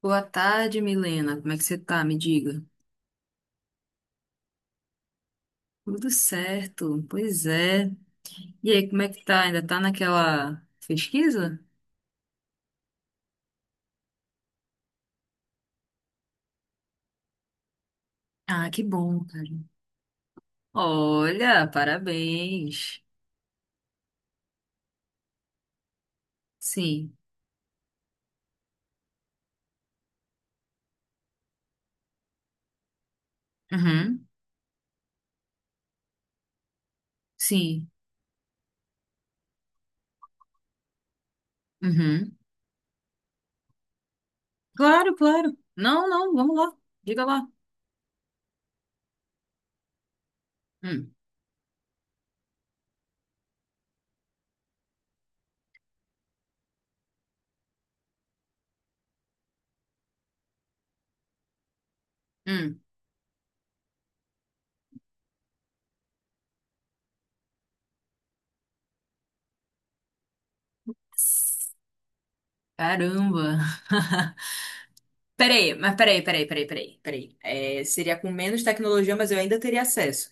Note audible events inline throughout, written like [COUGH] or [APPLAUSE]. Boa tarde, Milena. Como é que você tá? Me diga. Tudo certo, pois é. E aí, como é que tá? Ainda tá naquela pesquisa? Ah, que bom, cara. Olha, parabéns. Sim. Uhum. Sim. Uhum. Claro, claro. Não, não, vamos lá. Diga lá. Hum. Hum. Caramba. Peraí, mas peraí, peraí, peraí, peraí, peraí. É, seria com menos tecnologia, mas eu ainda teria acesso.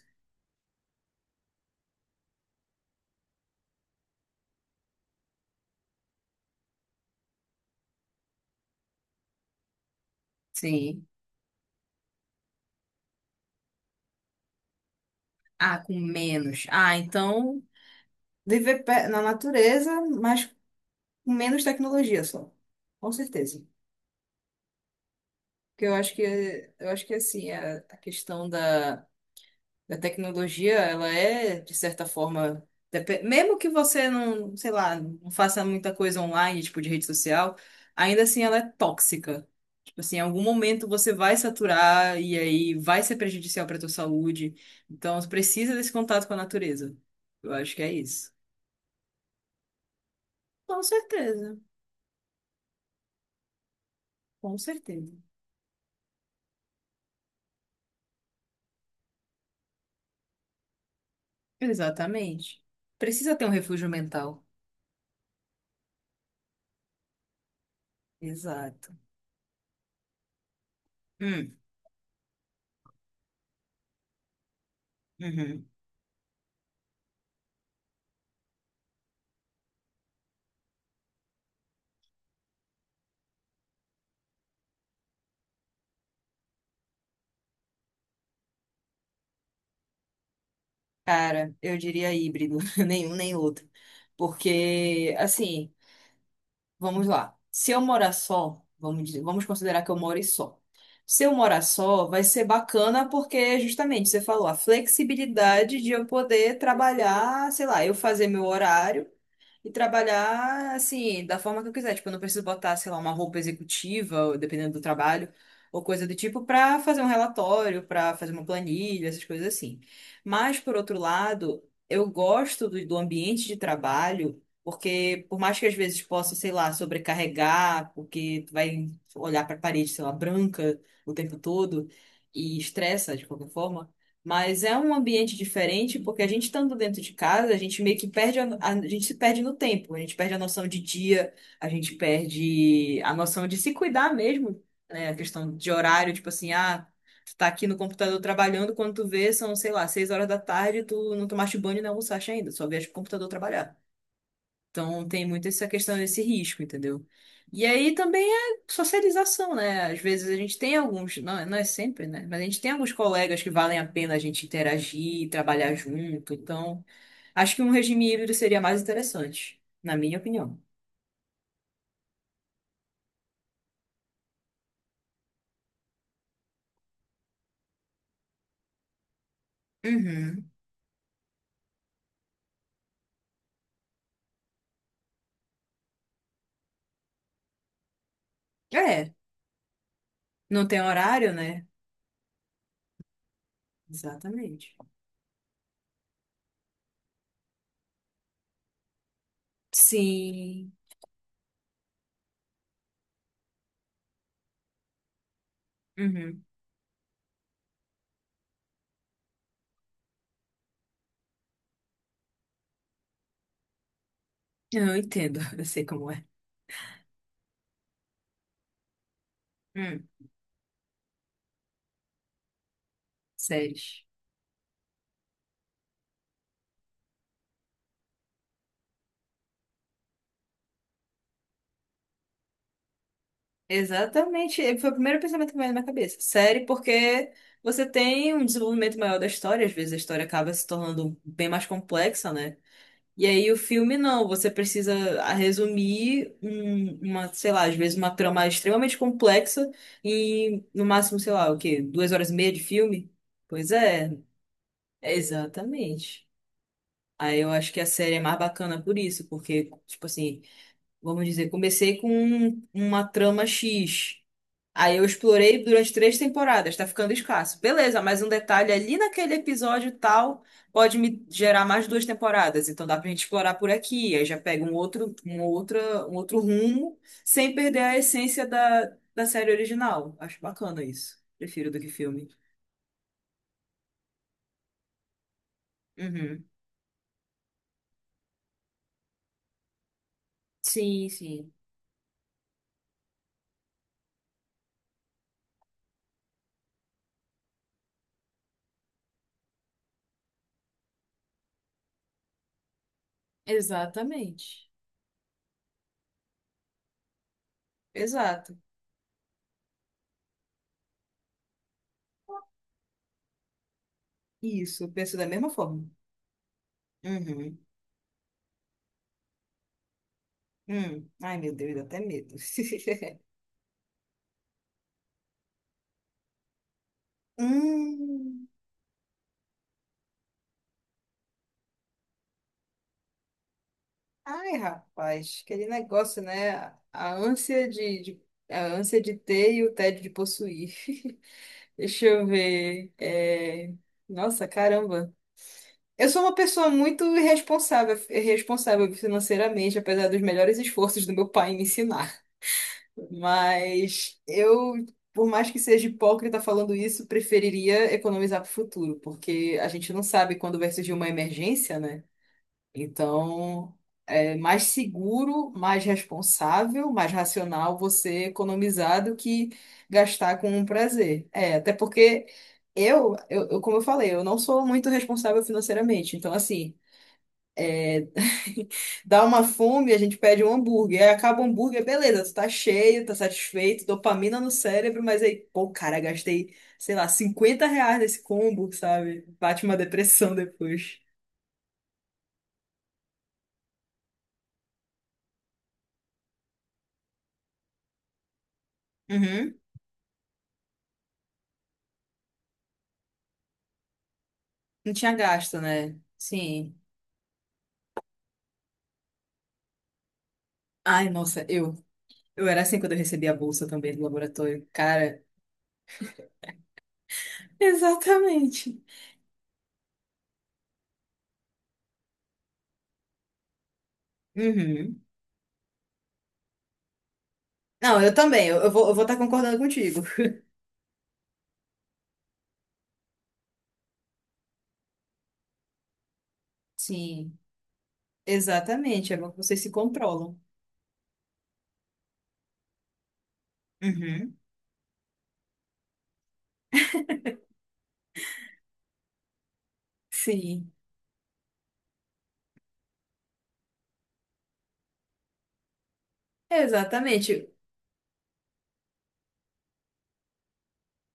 Sim. Ah, com menos. Ah, então. Viver na natureza, mas com menos tecnologia só. Com certeza. Porque eu acho que assim, a questão da tecnologia, ela é, de certa forma, mesmo que você não, sei lá, não faça muita coisa online, tipo de rede social, ainda assim ela é tóxica. Tipo assim, em algum momento você vai saturar e aí vai ser prejudicial para tua saúde. Então, você precisa desse contato com a natureza. Eu acho que é isso. Com certeza, com certeza. Exatamente. Precisa ter um refúgio mental. Exato. Hum, uhum. Cara, eu diria híbrido, [LAUGHS] nenhum nem outro. Porque, assim, vamos lá. Se eu morar só, vamos considerar que eu moro só. Se eu morar só, vai ser bacana porque, justamente, você falou, a flexibilidade de eu poder trabalhar, sei lá, eu fazer meu horário. E trabalhar, assim, da forma que eu quiser. Tipo, eu não preciso botar, sei lá, uma roupa executiva, ou dependendo do trabalho, ou coisa do tipo, pra fazer um relatório, pra fazer uma planilha, essas coisas assim. Mas, por outro lado, eu gosto do ambiente de trabalho, porque por mais que às vezes possa, sei lá, sobrecarregar, porque tu vai olhar pra parede, sei lá, branca o tempo todo, e estressa de qualquer forma. Mas é um ambiente diferente porque a gente estando dentro de casa, a gente meio que perde gente se perde no tempo, a gente perde a noção de dia, a gente perde a noção de se cuidar mesmo, né? A questão de horário, tipo assim, ah, tu tá aqui no computador trabalhando, quando tu vê, são, sei lá, 6 horas da tarde, tu não tomaste banho e não almoçaste ainda, só vieste pro computador trabalhar. Então tem muito essa questão desse risco, entendeu? E aí também é socialização, né? Às vezes a gente tem alguns, não, não é sempre, né? Mas a gente tem alguns colegas que valem a pena a gente interagir, trabalhar junto. Então, acho que um regime híbrido seria mais interessante, na minha opinião. Uhum. É, não tem horário, né? Exatamente. Sim. Uhum. Eu entendo, [LAUGHS] eu sei como é. Hum, sério. Exatamente. E foi o primeiro pensamento que veio na minha cabeça. Série, porque você tem um desenvolvimento maior da história, às vezes a história acaba se tornando bem mais complexa, né? E aí o filme não, você precisa ah, resumir uma, sei lá, às vezes uma trama extremamente complexa em no máximo, sei lá, o quê? 2 horas e meia de filme? Pois é, exatamente. Aí eu acho que a série é mais bacana por isso, porque, tipo assim, vamos dizer, comecei com uma trama X. Aí eu explorei durante três temporadas, tá ficando escasso. Beleza, mas um detalhe ali naquele episódio tal pode me gerar mais duas temporadas, então dá pra gente explorar por aqui. Aí já pega um outro, um outra, um outro rumo, sem perder a essência da série original. Acho bacana isso. Prefiro do que filme. Uhum. Sim, sim. Exatamente. Exato. Isso, eu penso da mesma forma. Uhum. Hum. Ai, meu Deus, dá até medo. [LAUGHS] Hum. Ai, rapaz, aquele negócio, né? A ânsia a ânsia de ter e o tédio de possuir. [LAUGHS] Deixa eu ver. É, nossa, caramba. Eu sou uma pessoa muito irresponsável, irresponsável financeiramente, apesar dos melhores esforços do meu pai em me ensinar. Mas eu, por mais que seja hipócrita falando isso, preferiria economizar para o futuro, porque a gente não sabe quando vai surgir uma emergência, né? Então, é mais seguro, mais responsável, mais racional você economizar do que gastar com um prazer. É, até porque como eu falei, eu não sou muito responsável financeiramente. Então, assim, [LAUGHS] dá uma fome, a gente pede um hambúrguer. Aí acaba o hambúrguer, beleza, tu tá cheio, tá satisfeito, dopamina no cérebro, mas aí, pô, cara, gastei, sei lá, R$ 50 nesse combo, sabe? Bate uma depressão depois. Uhum. Não tinha gasto, né? Sim. Ai, nossa, eu era assim quando eu recebi a bolsa também do laboratório. Cara, exatamente. Uhum. Não, eu também, eu vou estar concordando contigo. Sim, exatamente, é bom que vocês se controlam. Uhum. Sim, exatamente.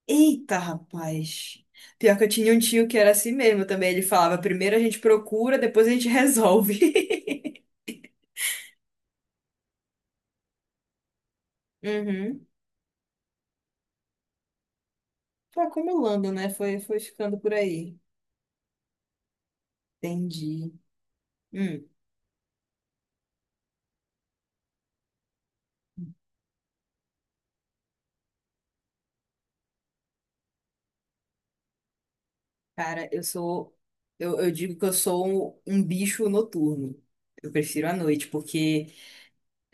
Eita, rapaz. Pior que eu tinha um tio que era assim mesmo também. Ele falava, primeiro a gente procura, depois a gente resolve. [LAUGHS] Uhum. Foi acumulando, né? Foi ficando por aí. Entendi. Hum. Cara, eu sou. Eu digo que eu sou um bicho noturno. Eu prefiro a noite, porque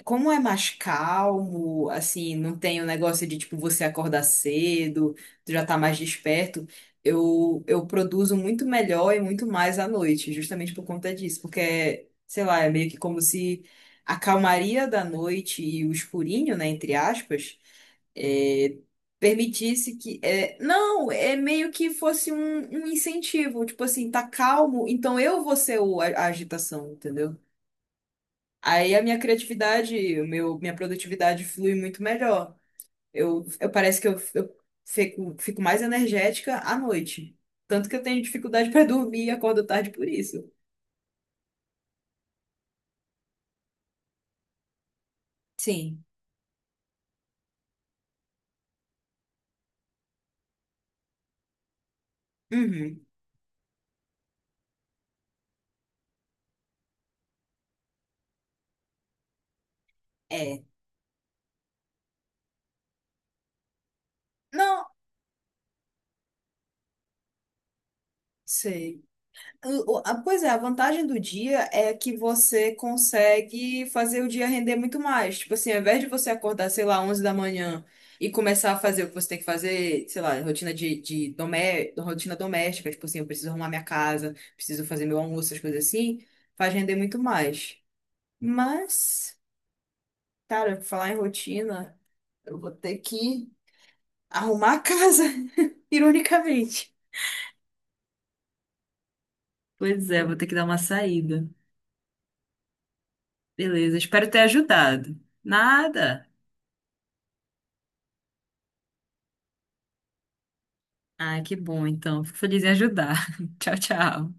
como é mais calmo, assim, não tem o negócio de, tipo, você acordar cedo, tu já tá mais desperto, eu produzo muito melhor e muito mais à noite, justamente por conta disso, porque, sei lá, é meio que como se a calmaria da noite e o escurinho, né, entre aspas, é, permitisse que. É, não, é meio que fosse um incentivo, tipo assim, tá calmo, então eu vou ser o, a agitação, entendeu? Aí a minha criatividade, o meu, minha produtividade flui muito melhor. Eu parece que eu fico mais energética à noite. Tanto que eu tenho dificuldade [LAUGHS] para dormir e acordo tarde por isso. Sim, uhum. É. Não sei. Pois é, a vantagem do dia é que você consegue fazer o dia render muito mais. Tipo assim, ao invés de você acordar, sei lá, 11 da manhã e começar a fazer o que você tem que fazer, sei lá, rotina de domé rotina doméstica, tipo assim, eu preciso arrumar minha casa, preciso fazer meu almoço, essas coisas assim, faz render muito mais. Mas, cara, pra falar em rotina, eu vou ter que arrumar a casa, [LAUGHS] ironicamente. Pois é, vou ter que dar uma saída. Beleza, espero ter ajudado. Nada. Ah, que bom, então. Fico feliz em ajudar. [LAUGHS] Tchau, tchau.